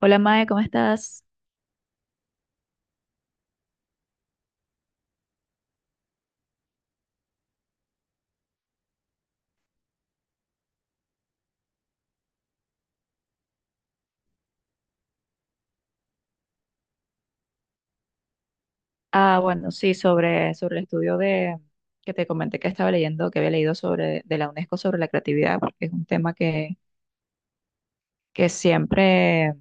Hola Mae, ¿cómo estás? Ah, bueno, sí, sobre el estudio de que te comenté que estaba leyendo, que había leído sobre de la UNESCO sobre la creatividad, porque es un tema que siempre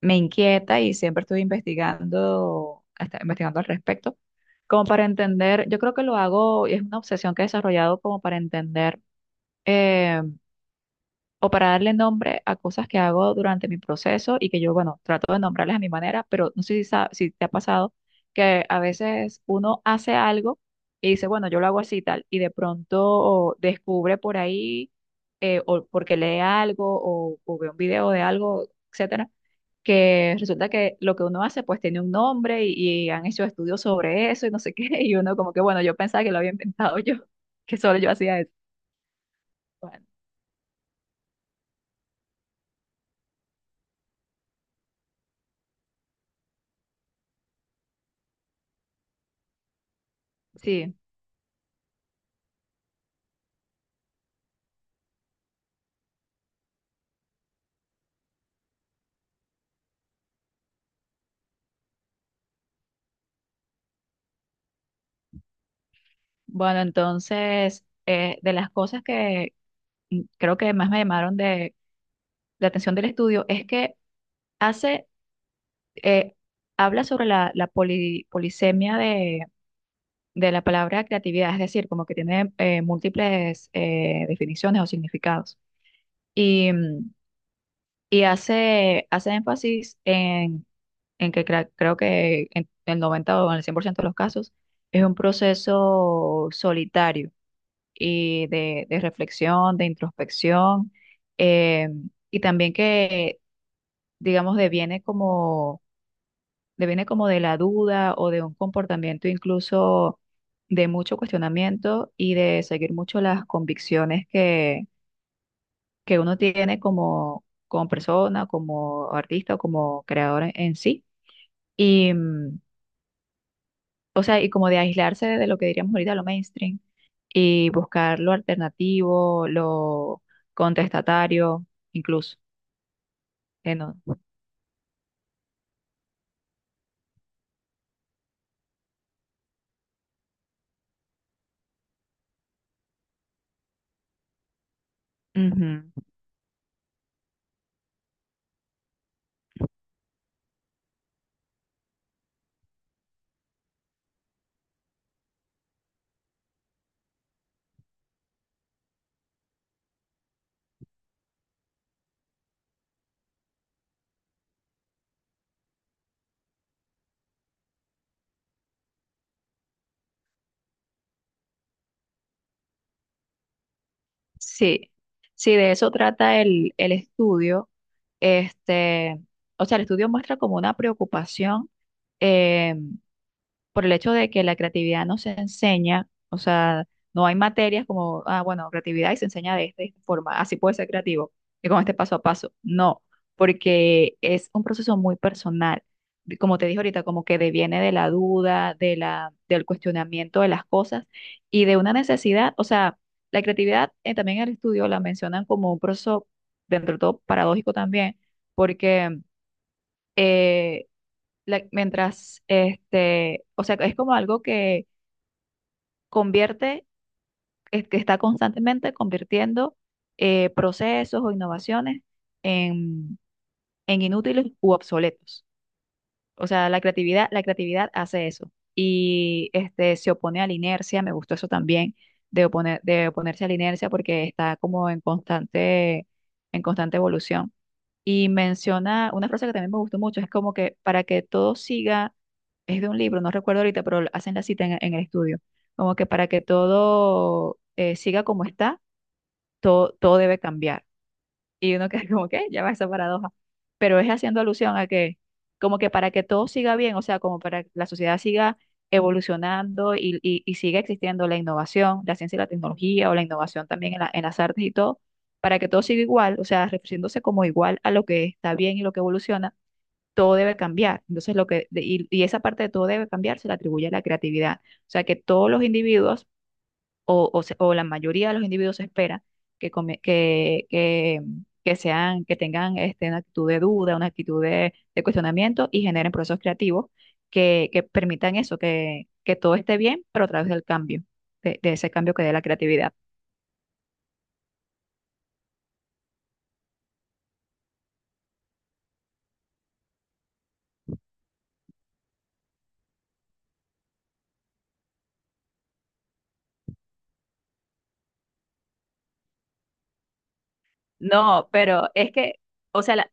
me inquieta y siempre estoy investigando, hasta investigando al respecto, como para entender, yo creo que lo hago, y es una obsesión que he desarrollado como para entender eh, o para darle nombre a cosas que hago durante mi proceso y que yo, bueno, trato de nombrarlas a mi manera, pero no sé si te ha pasado que a veces uno hace algo y dice, bueno, yo lo hago así y tal, y de pronto descubre por ahí, o porque lee algo o ve un video de algo, etcétera, que resulta que lo que uno hace pues tiene un nombre y han hecho estudios sobre eso y no sé qué, y uno como que, bueno, yo pensaba que lo había inventado yo, que solo yo hacía eso. Bueno, sí. Bueno, entonces, de las cosas que creo que más me llamaron de la atención del estudio es que hace, eh, habla sobre la polisemia de la palabra creatividad, es decir, como que tiene múltiples definiciones o significados. Y, mm, y hace énfasis en que creo que en el 90 o en el 100% de los casos es un proceso solitario y de reflexión, de introspección, eh, y también que, digamos, deviene como de la duda o de un comportamiento incluso de mucho cuestionamiento y de seguir mucho las convicciones que uno tiene como, como persona, como artista o como creador en sí. Y, o sea, y como de aislarse de lo que diríamos ahorita, lo mainstream, y buscar lo alternativo, lo contestatario, incluso. Que no- Ujú. Sí, sí, de eso trata el estudio. Este, o sea, el estudio muestra como una preocupación em, por el hecho de que la creatividad no se enseña, o sea, no hay materias como, ah, bueno, creatividad y se enseña de esta forma, así puedes ser creativo, y con este paso a paso. No, porque es un proceso muy personal. Como te dije ahorita, como que deviene de la duda, de la, del cuestionamiento de las cosas y de una necesidad, o sea, la creatividad también en el estudio la mencionan como un proceso, dentro de todo, paradójico también, porque eh, mientras, este, o sea, es como algo que convierte, es que está constantemente convirtiendo procesos o innovaciones en, en inútiles u obsoletos. O sea, la creatividad hace eso y este, se opone a la inercia, me gustó eso también, de, oponer, de oponerse a la inercia porque está como en constante evolución. Y menciona una frase que también me gustó mucho, es como que para que todo siga es de un libro, no recuerdo ahorita, pero hacen la cita en el estudio, como que para que todo siga como está, todo, todo debe cambiar. Y uno queda como que, ya va esa paradoja, pero es haciendo alusión a que, como que para que todo siga bien, o sea, como para que la sociedad siga evolucionando y siga existiendo la innovación, la ciencia y la tecnología, o la innovación también en las artes y todo, para que todo siga igual, o sea, refiriéndose como igual a lo que está bien y lo que evoluciona todo debe cambiar. Entonces, lo que, y esa parte de todo debe cambiar se le atribuye a la creatividad. O sea, que todos los individuos, o la mayoría de los individuos, se espera que, come- que sean, que tengan este, una actitud de duda, una actitud de cuestionamiento y generen procesos creativos que permitan eso, que todo esté bien, pero a través del cambio, de ese cambio que dé la creatividad. No, pero es que, o sea,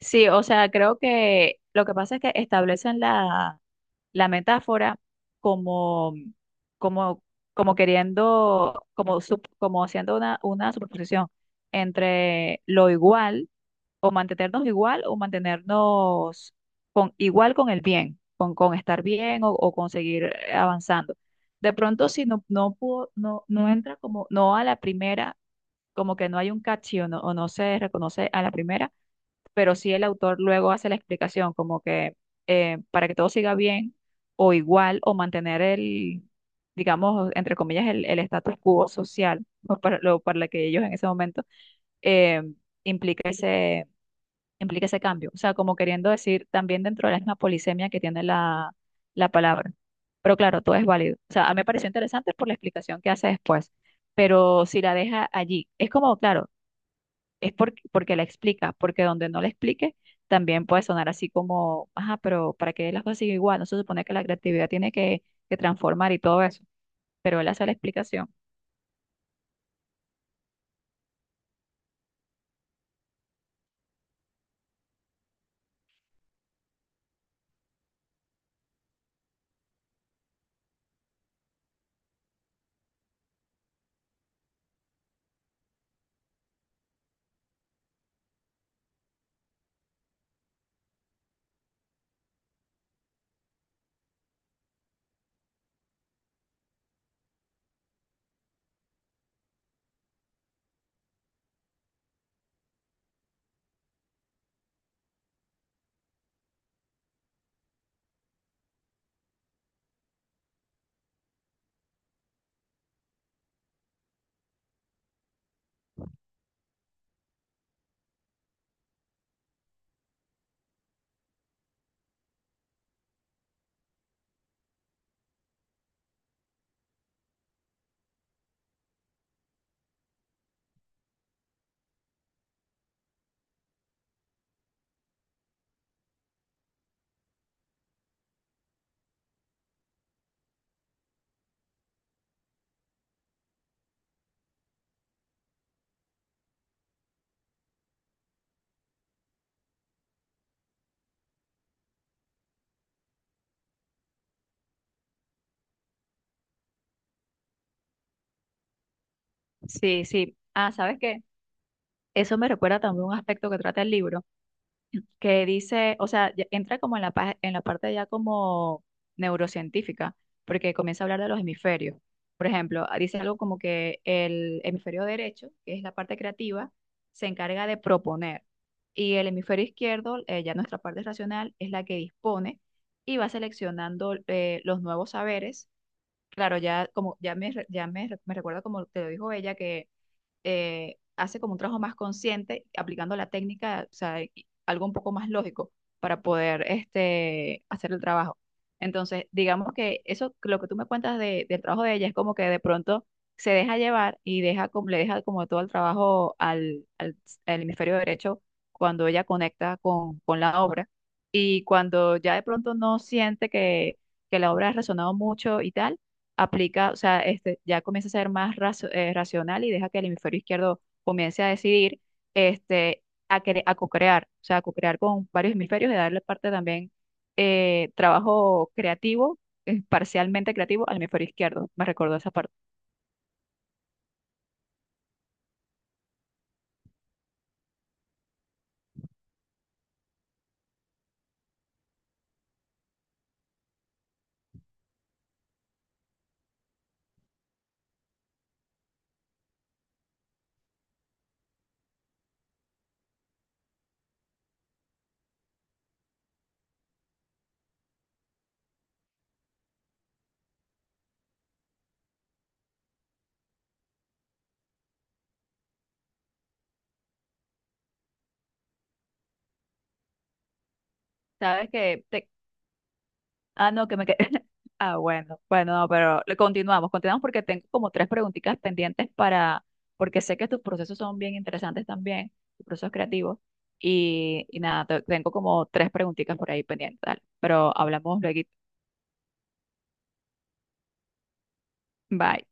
sí, o sea, creo que lo que pasa es que establecen la metáfora como, como, como haciendo una superposición entre lo igual o mantenernos con, igual con el bien, con estar bien o conseguir avanzando. De pronto, si no entra como, no a la primera, como que no hay un catchy o no se reconoce a la primera pero sí el autor luego hace la explicación, como que para que todo siga bien o igual o mantener el, digamos, entre comillas, el status quo social, o para lo para la que ellos en ese momento, eh, implica ese, implica ese cambio. O sea, como queriendo decir también dentro de la misma polisemia que tiene la palabra. Pero claro, todo es válido. O sea, a mí me pareció interesante por la explicación que hace después. Pero si la deja allí, es como, claro, es porque la explica, porque donde no la explique, también puede sonar así como, ajá, pero ¿para qué las cosas siguen igual? No se supone que la creatividad tiene que transformar y todo eso, pero él hace la explicación. Sí, sí. Ah, ¿sabes qué? Eso me recuerda también un aspecto que trata el libro. Que dice, o sea, ya entra como en la, en la parte ya como neurocientífica, porque comienza a hablar de los hemisferios. Por ejemplo, ah, dice algo como que el hemisferio derecho, que es la parte creativa, se encarga de proponer. Y el hemisferio izquierdo, ya nuestra parte racional, es la que dispone y va seleccionando los nuevos saberes. Claro, ya como me recuerda como te lo dijo ella, hace como un trabajo más consciente, aplicando la técnica, o sea, algo un poco más lógico para poder este, hacer el trabajo. Entonces, digamos que eso, lo que tú me cuentas del trabajo de ella es como que de pronto se deja llevar y deja, le deja como todo el trabajo al hemisferio derecho cuando ella conecta con la obra y cuando ya de pronto no siente que la obra ha resonado mucho y tal aplica, o sea, este, ya comienza a ser más racional y deja que el hemisferio izquierdo comience a decidir, este, a, a co-crear, o sea, a co-crear con varios hemisferios y darle parte también trabajo creativo, parcialmente creativo al hemisferio izquierdo. Me recordó esa parte. Sabes que te- Ah, no, que me quedé. Ah, bueno, bueno, no, pero continuamos porque tengo como tres preguntitas pendientes para, porque sé que tus procesos son bien interesantes también, tus procesos creativos, y nada, tengo como tres preguntitas por ahí pendientes, dale, pero hablamos luego. Bye.